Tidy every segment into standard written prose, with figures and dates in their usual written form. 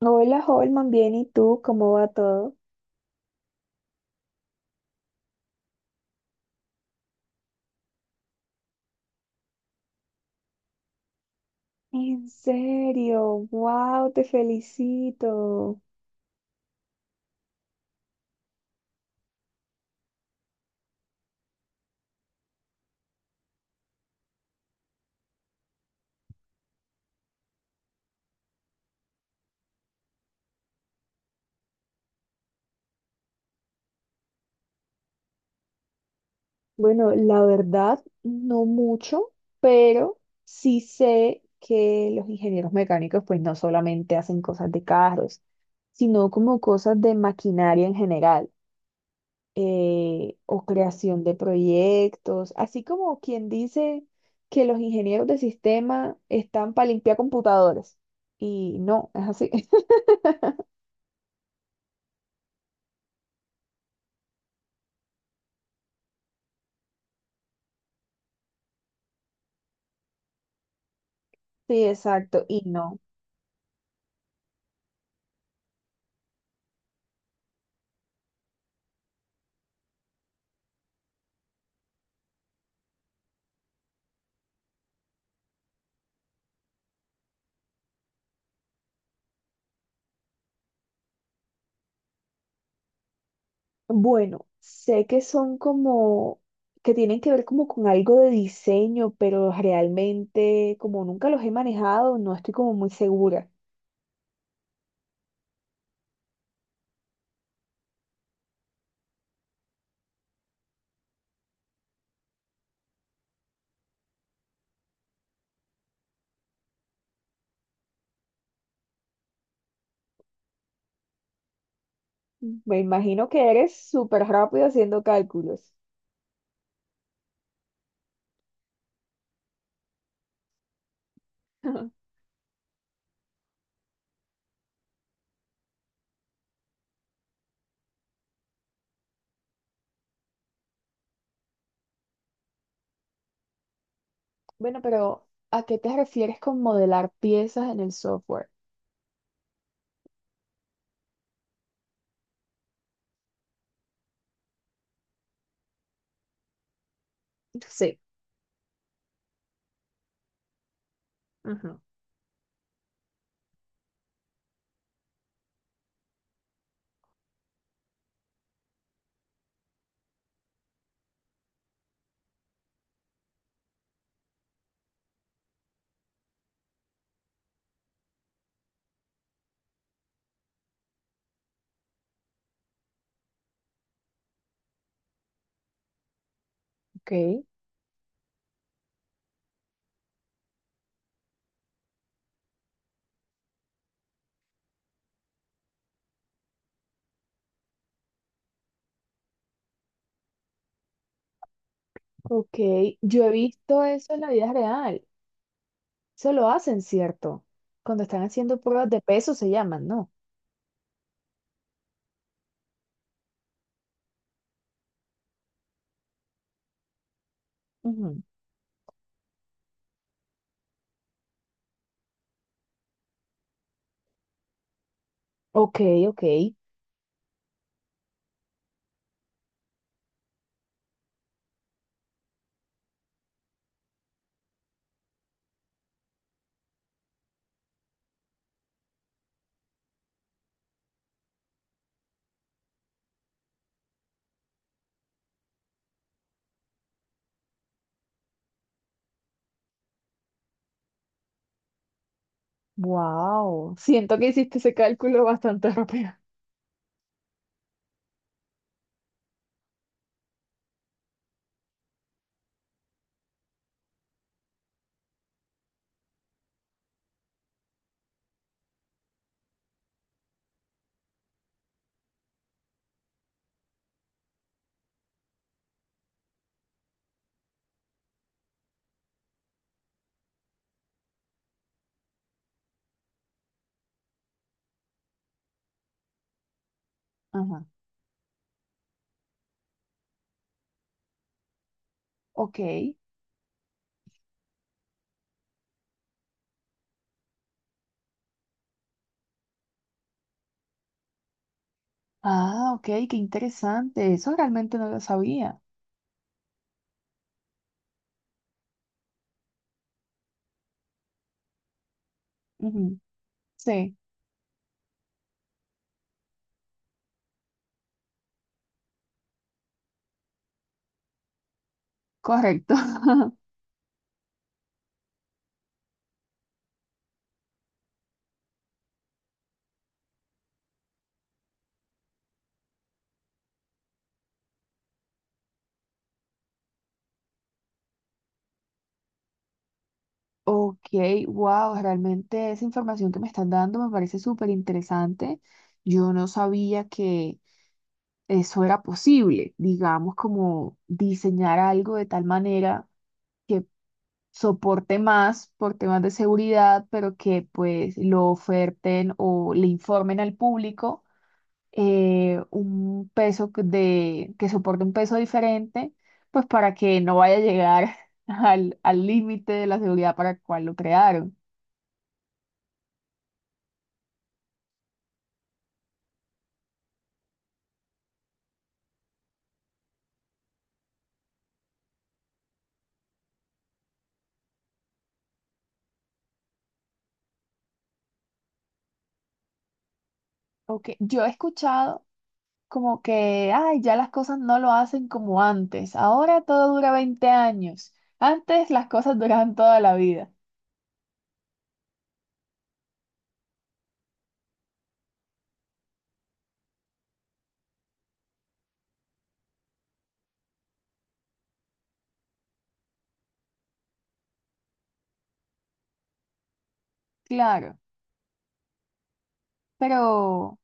Hola, Holman, bien, ¿y tú? ¿Cómo va todo? En serio, wow, te felicito. Bueno, la verdad, no mucho, pero sí sé que los ingenieros mecánicos pues no solamente hacen cosas de carros, sino como cosas de maquinaria en general, o creación de proyectos, así como quien dice que los ingenieros de sistema están para limpiar computadores. Y no, es así. Sí, exacto, y no. Bueno, sé que son como, que tienen que ver como con algo de diseño, pero realmente como nunca los he manejado, no estoy como muy segura. Me imagino que eres súper rápido haciendo cálculos. Bueno, pero ¿a qué te refieres con modelar piezas en el software? Sí. Ajá. Ok, ok. Yo he visto eso en la vida real. Eso lo hacen, ¿cierto? Cuando están haciendo pruebas de peso se llaman, ¿no? Ok, ok. Wow. Siento que hiciste ese cálculo bastante rápido. Ajá. Ok. Ah, ok, qué interesante. Eso realmente no lo sabía. Ujú. Sí, correcto. Ok, wow, realmente esa información que me están dando me parece súper interesante. Yo no sabía que eso era posible, digamos, como diseñar algo de tal manera que soporte más por temas de seguridad, pero que pues lo oferten o le informen al público, un peso que soporte un peso diferente, pues para que no vaya a llegar al límite de la seguridad para el cual lo crearon. Ok, yo he escuchado como que, ay, ya las cosas no lo hacen como antes, ahora todo dura 20 años, antes las cosas duraban toda la vida, claro, pero...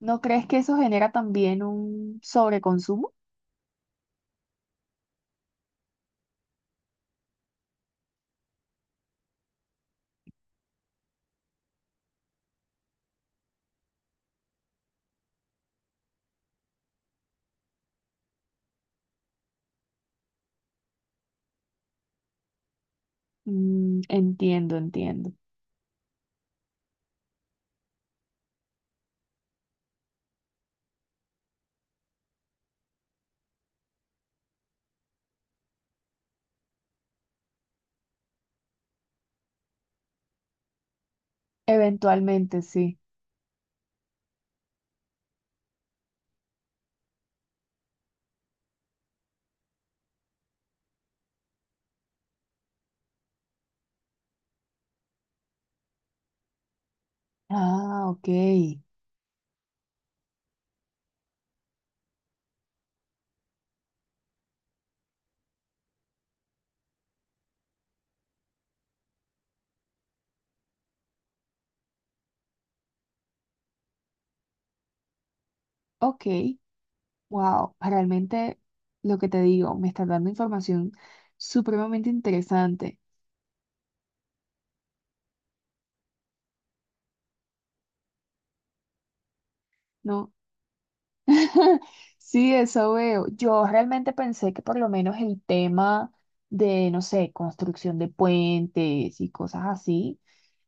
¿No crees que eso genera también un sobreconsumo? Entiendo, entiendo. Eventualmente sí. Ah, ok. Ok. Wow. Realmente lo que te digo, me estás dando información supremamente interesante, ¿no? Sí, eso veo. Yo realmente pensé que por lo menos el tema de, no sé, construcción de puentes y cosas así,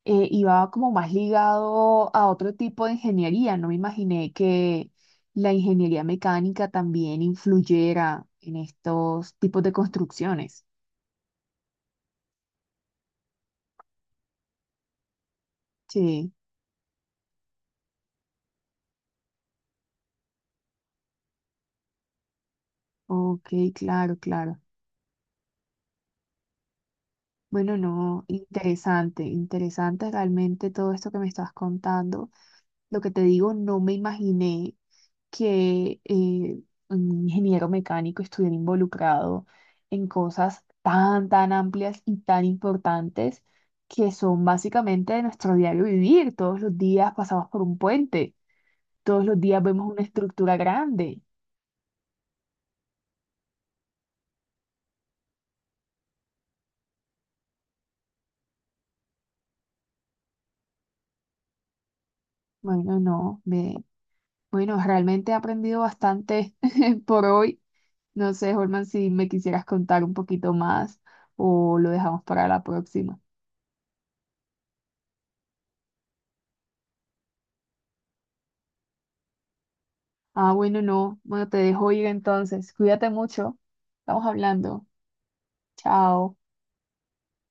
iba como más ligado a otro tipo de ingeniería. No me imaginé que la ingeniería mecánica también influyera en estos tipos de construcciones. Sí, ok, claro, claro. Bueno, no, interesante, interesante realmente todo esto que me estás contando. Lo que te digo, no me imaginé que un ingeniero mecánico estuviera involucrado en cosas tan, tan amplias y tan importantes que son básicamente de nuestro diario vivir. Todos los días pasamos por un puente, todos los días vemos una estructura grande. Bueno, no, me, bueno, realmente he aprendido bastante por hoy. No sé, Holman, si me quisieras contar un poquito más o lo dejamos para la próxima. Ah, bueno, no. Bueno, te dejo ir entonces. Cuídate mucho. Estamos hablando. Chao.